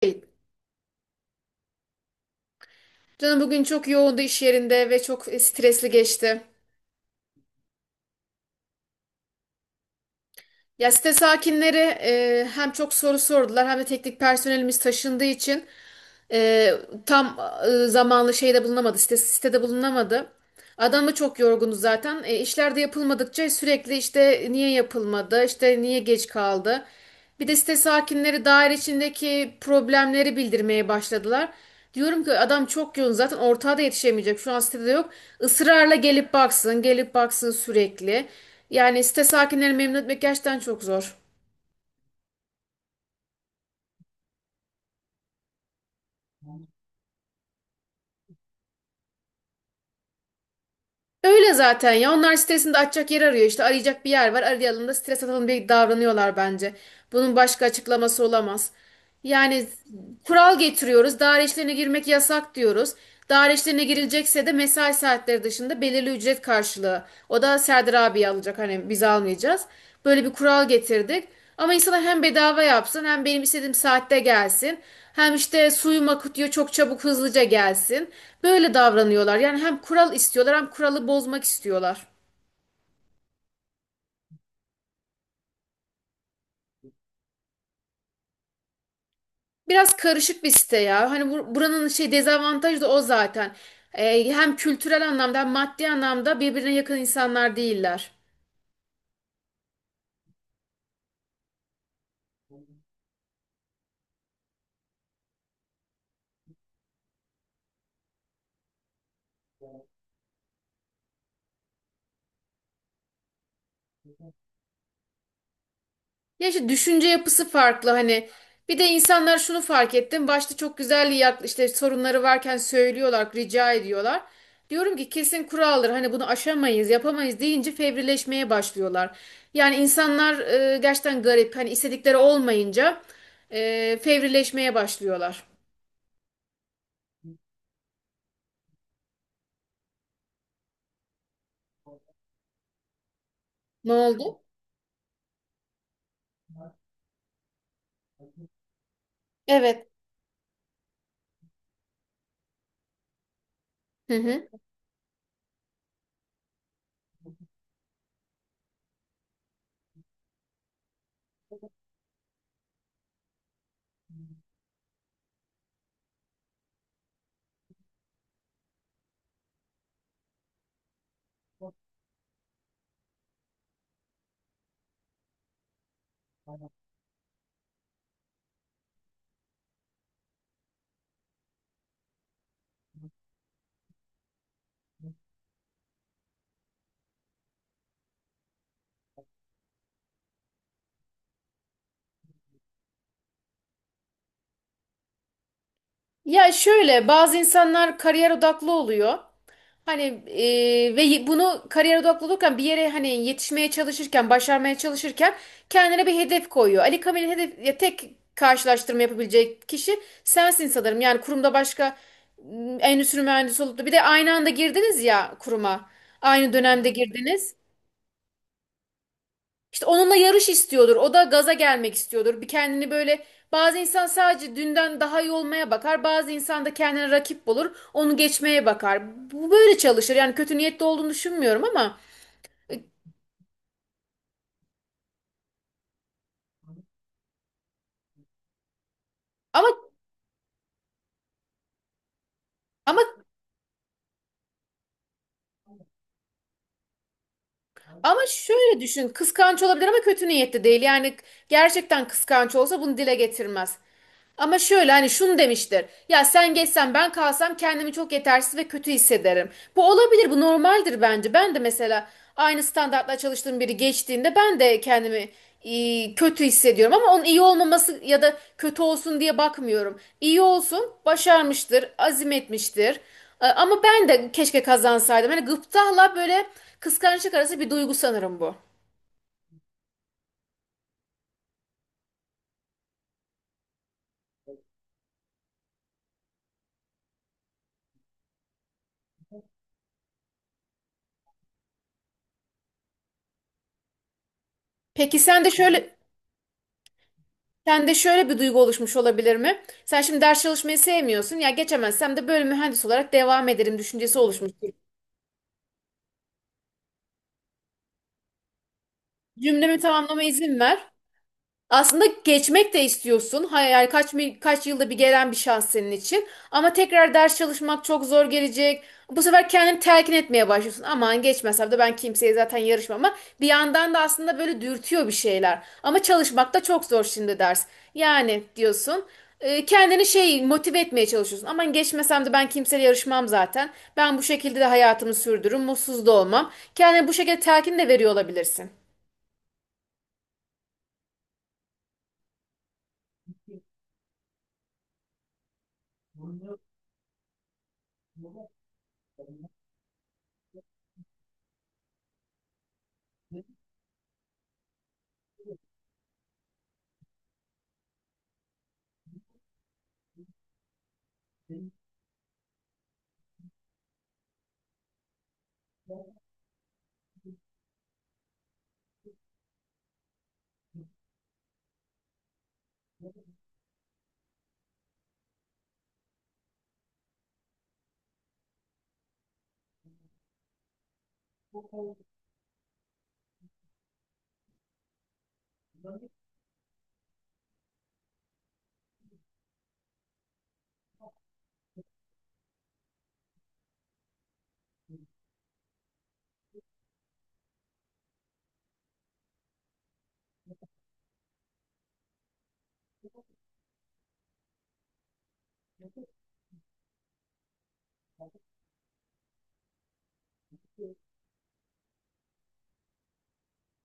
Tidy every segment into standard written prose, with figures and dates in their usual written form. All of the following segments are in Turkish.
Hey, canım bugün çok yoğundu iş yerinde ve çok stresli geçti. Ya site sakinleri hem çok soru sordular hem de teknik personelimiz taşındığı için e, tam zamanlı şeyde bulunamadı, sitede bulunamadı. Adamı çok yorgunu zaten. İşler de yapılmadıkça sürekli işte niye yapılmadı, işte niye geç kaldı. Bir de site sakinleri daire içindeki problemleri bildirmeye başladılar. Diyorum ki adam çok yoğun zaten ortağa da yetişemeyecek. Şu an sitede yok. Israrla gelip baksın, gelip baksın sürekli. Yani site sakinleri memnun etmek gerçekten çok zor. Öyle zaten ya. Onlar sitesinde açacak yer arıyor. İşte arayacak bir yer var. Arayalım da stres atalım diye davranıyorlar bence. Bunun başka açıklaması olamaz. Yani kural getiriyoruz. Daire işlerine girmek yasak diyoruz. Daire işlerine girilecekse de mesai saatleri dışında belirli ücret karşılığı. O da Serdar abi alacak. Hani biz almayacağız. Böyle bir kural getirdik. Ama insana hem bedava yapsın hem benim istediğim saatte gelsin. Hem işte suyum akıtıyor çok çabuk hızlıca gelsin. Böyle davranıyorlar. Yani hem kural istiyorlar hem kuralı bozmak istiyorlar. Biraz karışık bir site ya. Hani buranın şey dezavantajı da o zaten. Hem kültürel anlamda hem maddi anlamda birbirine yakın insanlar değiller. Ya işte düşünce yapısı farklı hani. Bir de insanlar şunu fark ettim. Başta çok güzel yak işte sorunları varken söylüyorlar, rica ediyorlar. Diyorum ki kesin kuraldır. Hani bunu aşamayız, yapamayız deyince fevrileşmeye başlıyorlar. Yani insanlar gerçekten garip. Hani istedikleri olmayınca fevrileşmeye başlıyorlar. Ne oldu? Evet. Hı hı. Ya şöyle bazı insanlar kariyer odaklı oluyor. Hani ve bunu kariyer odaklı olurken bir yere hani yetişmeye çalışırken, başarmaya çalışırken kendine bir hedef koyuyor. Ali Kamil'in hedef ya tek karşılaştırma yapabilecek kişi sensin sanırım. Yani kurumda başka endüstri mühendisi olup da bir de aynı anda girdiniz ya kuruma. Aynı dönemde girdiniz. İşte onunla yarış istiyordur. O da gaza gelmek istiyordur. Bir kendini böyle bazı insan sadece dünden daha iyi olmaya bakar. Bazı insan da kendine rakip bulur. Onu geçmeye bakar. Bu böyle çalışır. Yani kötü niyetli olduğunu düşünmüyorum ama e, ama ama ama şöyle düşün. Kıskanç olabilir ama kötü niyetli değil. Yani gerçekten kıskanç olsa bunu dile getirmez. Ama şöyle hani şunu demiştir. Ya sen geçsen ben kalsam kendimi çok yetersiz ve kötü hissederim. Bu olabilir, bu normaldir bence. Ben de mesela aynı standartla çalıştığım biri geçtiğinde ben de kendimi kötü hissediyorum. Ama onun iyi olmaması ya da kötü olsun diye bakmıyorum. İyi olsun, başarmıştır, azim etmiştir. Ama ben de keşke kazansaydım. Hani gıptayla böyle kıskançlık arası bir duygu sanırım bu. Peki sen de şöyle sende şöyle bir duygu oluşmuş olabilir mi? Sen şimdi ders çalışmayı sevmiyorsun. Ya geçemezsem de böyle mühendis olarak devam ederim düşüncesi oluşmuş. Cümlemi tamamlama izin ver. Aslında geçmek de istiyorsun. Hayal kaç yılda bir gelen bir şans senin için. Ama tekrar ders çalışmak çok zor gelecek. Bu sefer kendini telkin etmeye başlıyorsun. Aman geçmesem de ben kimseye zaten yarışmam ama bir yandan da aslında böyle dürtüyor bir şeyler. Ama çalışmak da çok zor şimdi ders. Yani diyorsun kendini şey motive etmeye çalışıyorsun. Aman geçmesem de ben kimseyle yarışmam zaten. Ben bu şekilde de hayatımı sürdürürüm. Mutsuz da olmam. Kendine bu şekilde telkin de veriyor olabilirsin.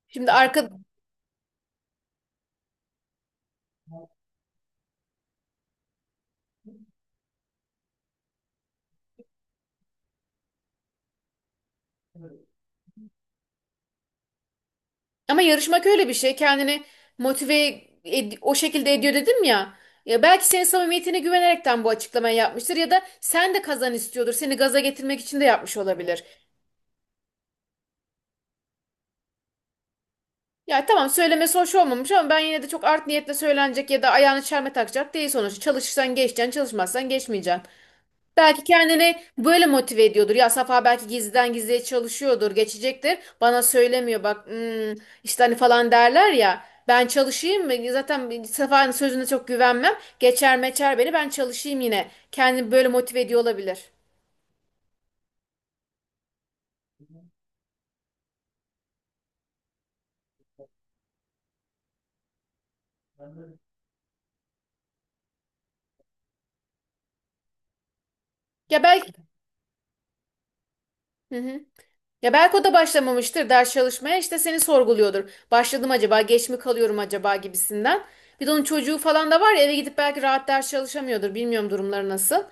Şimdi arka, ama yarışmak öyle bir şey. Kendini motive o şekilde ediyor dedim ya. Ya belki senin samimiyetine güvenerekten bu açıklamayı yapmıştır ya da sen de kazan istiyordur. Seni gaza getirmek için de yapmış olabilir. Ya tamam söylemesi hoş olmamış ama ben yine de çok art niyetle söylenecek ya da ayağını çelme takacak değil sonuçta. Çalışırsan geçeceksin, çalışmazsan geçmeyeceksin. Belki kendini böyle motive ediyordur. Ya Safa belki gizliden gizliye çalışıyordur, geçecektir. Bana söylemiyor bak işte hani falan derler ya. Ben çalışayım mı? Zaten Safa'nın sözüne çok güvenmem. Geçer meçer beni ben çalışayım yine. Kendini böyle motive ediyor olabilir. Ya belki hı hı. Ya belki o da başlamamıştır ders çalışmaya işte seni sorguluyordur. Başladım acaba geç mi kalıyorum acaba gibisinden. Bir de onun çocuğu falan da var ya eve gidip belki rahat ders çalışamıyordur. Bilmiyorum durumları nasıl.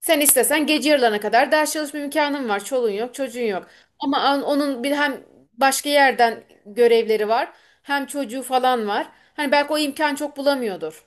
Sen istesen gece yarılarına kadar ders çalışma imkanın var. Çoluğun yok, çocuğun yok. Ama onun bir hem başka yerden görevleri var, hem çocuğu falan var. Hani belki o imkan çok bulamıyordur.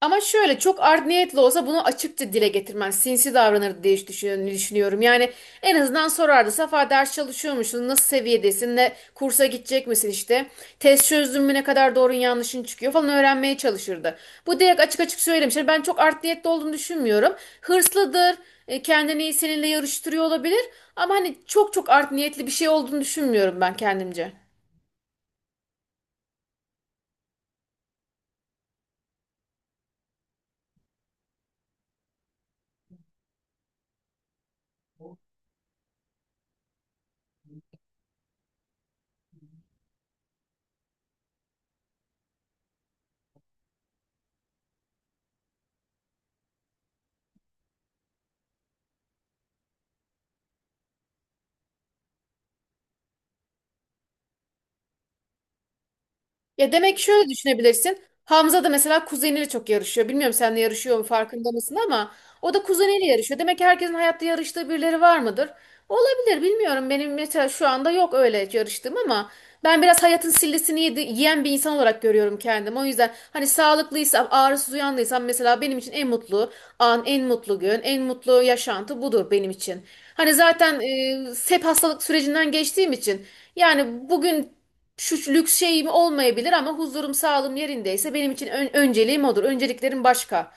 Ama şöyle çok art niyetli olsa bunu açıkça dile getirmen sinsi davranır diye düşünüyorum. Yani en azından sorardı. Safa ders çalışıyor musun? Nasıl seviyedesin? Ne kursa gidecek misin işte? Test çözdün mü ne kadar doğrun yanlışın çıkıyor falan öğrenmeye çalışırdı. Bu direkt açık açık söylemişler. Ben çok art niyetli olduğunu düşünmüyorum. Hırslıdır. Kendini seninle yarıştırıyor olabilir. Ama hani çok çok art niyetli bir şey olduğunu düşünmüyorum ben kendimce. Ya demek ki şöyle düşünebilirsin. Hamza da mesela kuzeniyle çok yarışıyor. Bilmiyorum seninle yarışıyor mu farkında mısın ama o da kuzeniyle yarışıyor. Demek ki herkesin hayatta yarıştığı birileri var mıdır? Olabilir bilmiyorum. Benim mesela şu anda yok öyle yarıştığım ama ben biraz hayatın sillesini yiyen bir insan olarak görüyorum kendimi. O yüzden hani sağlıklıysam, ağrısız uyandıysam mesela benim için en mutlu an, en mutlu gün, en mutlu yaşantı budur benim için. Hani zaten hep hastalık sürecinden geçtiğim için yani bugün şu lüks şeyim olmayabilir ama huzurum sağlığım yerindeyse benim için önceliğim odur. Önceliklerim başka.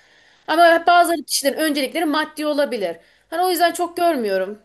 Ama bazı kişilerin öncelikleri maddi olabilir. Hani o yüzden çok görmüyorum.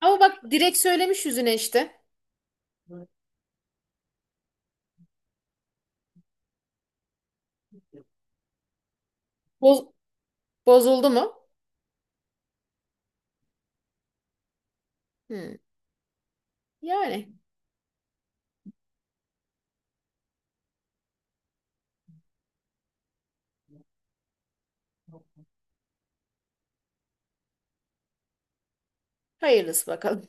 Ama bak direkt söylemiş yüzüne işte. Boz- Bozuldu mu? Hmm. Yani hayırlısı bakalım.